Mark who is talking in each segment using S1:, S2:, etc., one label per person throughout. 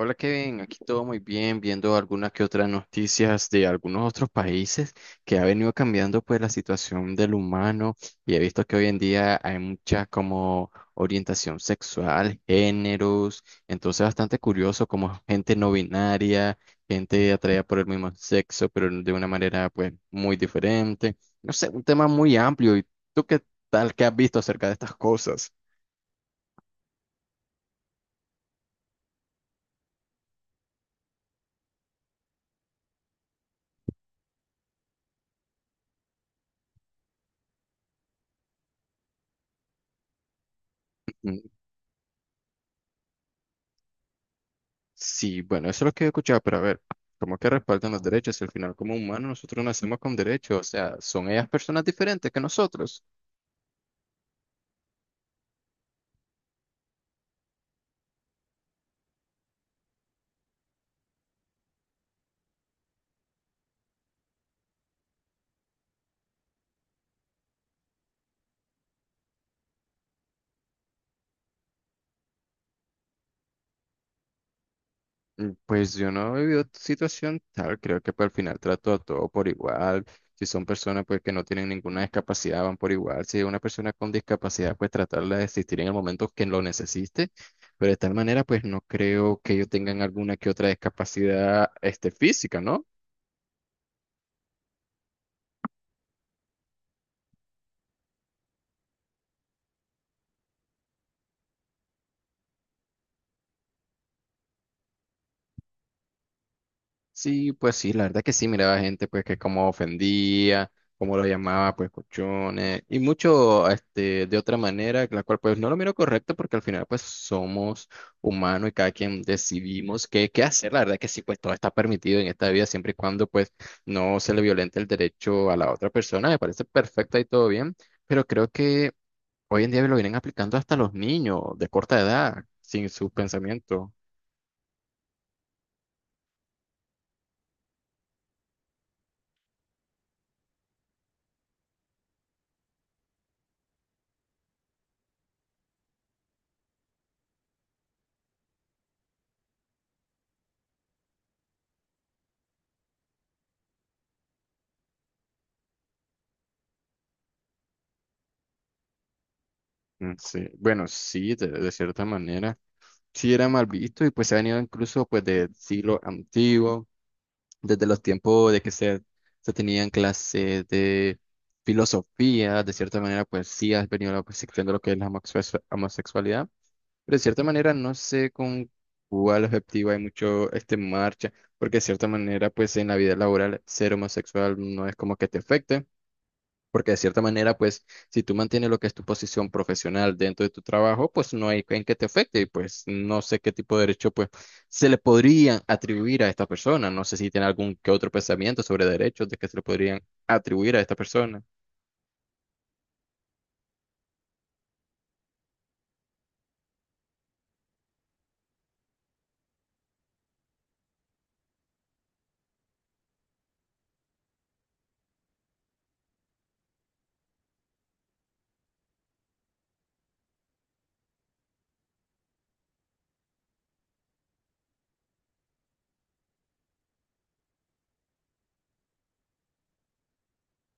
S1: Hola Kevin, aquí todo muy bien, viendo algunas que otras noticias de algunos otros países que ha venido cambiando pues la situación del humano, y he visto que hoy en día hay mucha como orientación sexual, géneros. Entonces, bastante curioso como gente no binaria, gente atraída por el mismo sexo pero de una manera pues muy diferente. No sé, un tema muy amplio. ¿Y tú qué tal? ¿Qué has visto acerca de estas cosas? Mm, sí, bueno, eso es lo que he escuchado, pero a ver, ¿cómo que respaldan los derechos? Si al final como humanos nosotros nacemos con derechos, o sea, ¿son ellas personas diferentes que nosotros? Pues yo no he vivido situación tal, creo que pues, al final trato a todo por igual. Si son personas pues que no tienen ninguna discapacidad, van por igual; si es una persona con discapacidad, pues tratarla de existir en el momento que lo necesite. Pero de tal manera pues no creo que ellos tengan alguna que otra discapacidad este, física, ¿no? Sí, pues sí, la verdad que sí, miraba gente pues que cómo ofendía, cómo lo llamaba pues cochones y mucho este de otra manera, la cual pues no lo miro correcto, porque al final pues somos humanos y cada quien decidimos qué hacer. La verdad que sí, pues todo está permitido en esta vida siempre y cuando pues no se le violente el derecho a la otra persona. Me parece perfecto y todo bien, pero creo que hoy en día lo vienen aplicando hasta los niños de corta edad, sin sus pensamientos. Mm, sí, bueno, sí, de cierta manera. Sí era mal visto, y pues se ha venido incluso pues del siglo antiguo, desde los tiempos de que se tenían clases de filosofía. De cierta manera pues sí ha venido la percepción de lo que es la homosexualidad, pero de cierta manera no sé con cuál objetivo hay mucho este en marcha, porque de cierta manera pues en la vida laboral ser homosexual no es como que te afecte. Porque de cierta manera, pues, si tú mantienes lo que es tu posición profesional dentro de tu trabajo, pues no hay en qué te afecte. Y pues no sé qué tipo de derecho, pues, se le podrían atribuir a esta persona. No sé si tiene algún que otro pensamiento sobre derechos de que se le podrían atribuir a esta persona.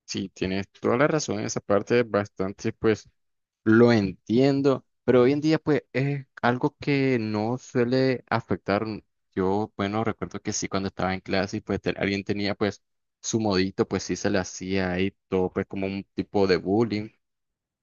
S1: Sí, tienes toda la razón. Esa parte es bastante, pues, lo entiendo, pero hoy en día pues es algo que no suele afectar. Yo, bueno, recuerdo que sí, cuando estaba en clase y pues alguien tenía pues su modito, pues sí se le hacía ahí todo pues como un tipo de bullying,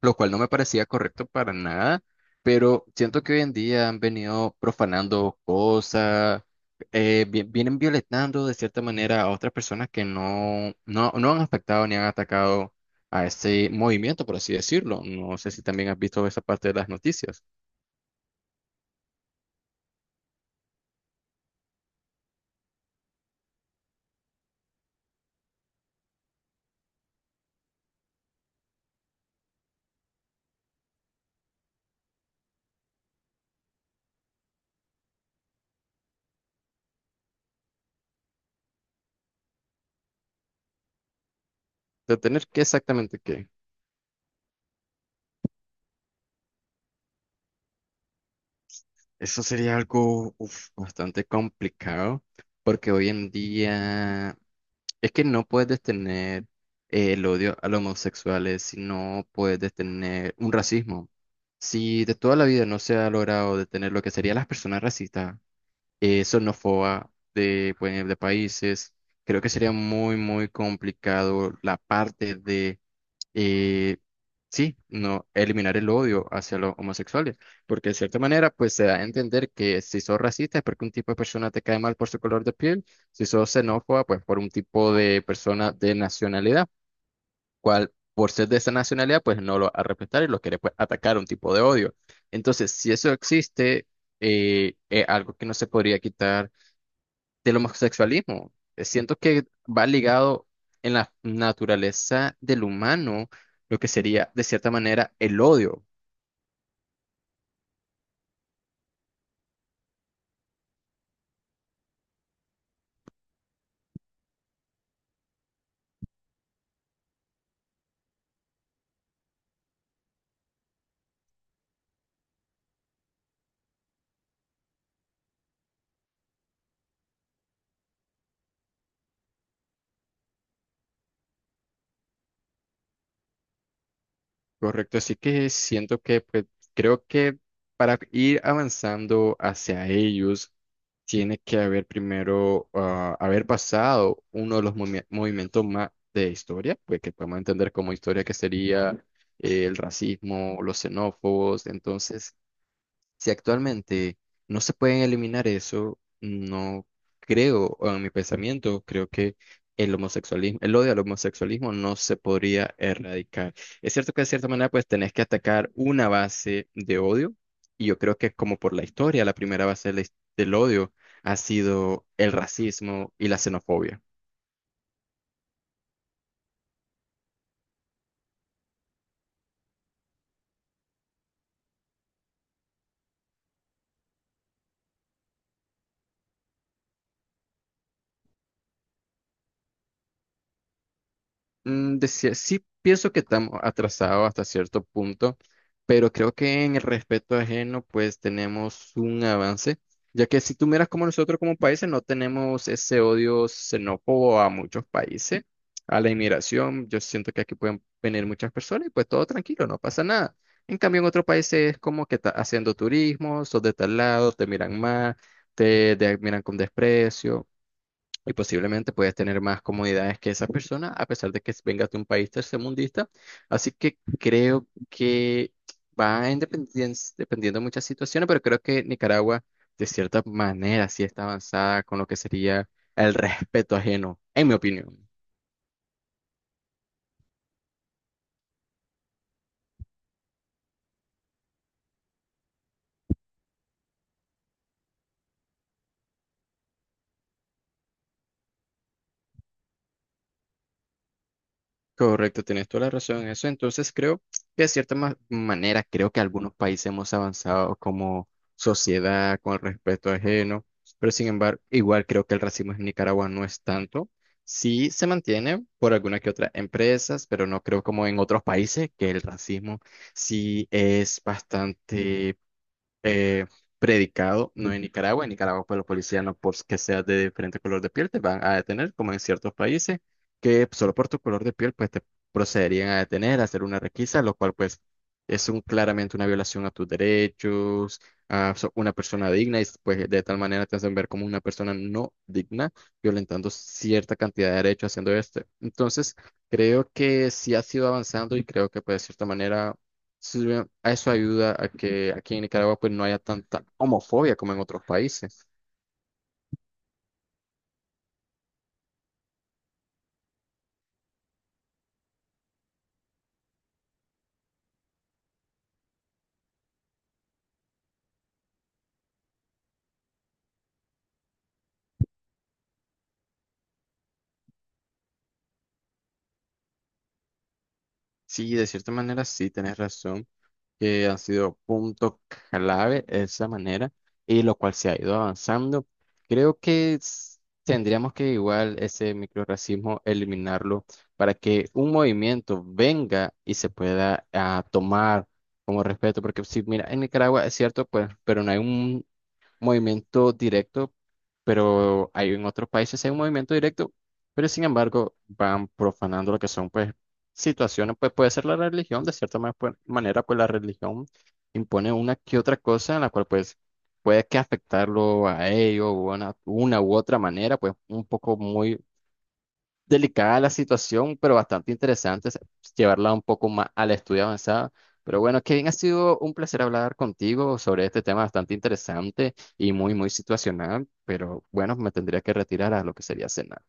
S1: lo cual no me parecía correcto para nada. Pero siento que hoy en día han venido profanando cosas. Vienen violentando de cierta manera a otras personas que no han afectado ni han atacado a este movimiento, por así decirlo. No sé si también has visto esa parte de las noticias. ¿Detener qué exactamente? ¿Qué? Eso sería algo, uf, bastante complicado, porque hoy en día... Es que no puedes detener, el odio a los homosexuales, si no puedes detener un racismo. Si de toda la vida no se ha logrado detener lo que serían las personas racistas, xenófobas de países, creo que sería muy, muy complicado la parte. Y sí, no eliminar el odio hacia los homosexuales, porque de cierta manera pues se da a entender que si sos racista es porque un tipo de persona te cae mal por su color de piel; si sos xenófoba, pues por un tipo de persona de nacionalidad, cual por ser de esa nacionalidad pues no lo vas a respetar y lo querés pues atacar, un tipo de odio. Entonces, si eso existe, es algo que no se podría quitar del homosexualismo. Siento que va ligado en la naturaleza del humano, lo que sería de cierta manera el odio, ¿correcto? Así que siento que pues, creo que para ir avanzando hacia ellos, tiene que haber primero, haber pasado uno de los movimientos más de historia, pues que podemos entender como historia, que sería el racismo, los xenófobos. Entonces, si actualmente no se pueden eliminar eso, no creo, o en mi pensamiento, creo que el homosexualismo, el odio al homosexualismo no se podría erradicar. Es cierto que de cierta manera pues tenés que atacar una base de odio, y yo creo que como por la historia, la primera base de del odio ha sido el racismo y la xenofobia. Sí pienso que estamos atrasados hasta cierto punto, pero creo que en el respeto ajeno pues tenemos un avance, ya que si tú miras, como nosotros como países no tenemos ese odio xenófobo a muchos países, a la inmigración. Yo siento que aquí pueden venir muchas personas y pues todo tranquilo, no pasa nada. En cambio, en otros países es como que estás haciendo turismo, sos de tal lado, te miran mal, te miran con desprecio, y posiblemente puedes tener más comodidades que esa persona, a pesar de que vengas de un país tercermundista. Así que creo que va en dependiendo de muchas situaciones, pero creo que Nicaragua, de cierta manera, sí está avanzada con lo que sería el respeto ajeno, en mi opinión. Correcto, tienes toda la razón en eso. Entonces, creo que de cierta manera, creo que algunos países hemos avanzado como sociedad con el respeto ajeno. Pero sin embargo, igual creo que el racismo en Nicaragua no es tanto. Sí se mantiene por algunas que otras empresas, pero no creo como en otros países que el racismo sí es bastante eh, predicado, no en Nicaragua. En Nicaragua, pues los policías no porque seas de diferente color de piel te van a detener, como en ciertos países, que solo por tu color de piel pues te procederían a detener, a hacer una requisa, lo cual pues es un, claramente una violación a tus derechos, a una persona digna, y pues de tal manera te hacen ver como una persona no digna, violentando cierta cantidad de derechos haciendo esto. Entonces, creo que sí ha sido avanzando, y creo que pues de cierta manera sirve, a eso ayuda a que aquí en Nicaragua pues no haya tanta homofobia como en otros países. Sí, de cierta manera sí, tenés razón, que han sido punto clave esa manera, y lo cual se ha ido avanzando. Creo que tendríamos que igual ese microrracismo eliminarlo, para que un movimiento venga y se pueda, tomar como respeto. Porque sí, mira, en Nicaragua es cierto, pues, pero no hay movimiento directo, pero hay en otros países, hay un movimiento directo, pero sin embargo van profanando lo que son pues situaciones, pues puede ser la religión. De cierta pues, manera, pues la religión impone una que otra cosa en la cual pues puede que afectarlo a ellos, o una u otra manera, pues un poco muy delicada la situación, pero bastante interesante es llevarla un poco más al estudio avanzado. Pero bueno, Kevin, ha sido un placer hablar contigo sobre este tema bastante interesante y muy, muy situacional, pero bueno, me tendría que retirar a lo que sería cenar.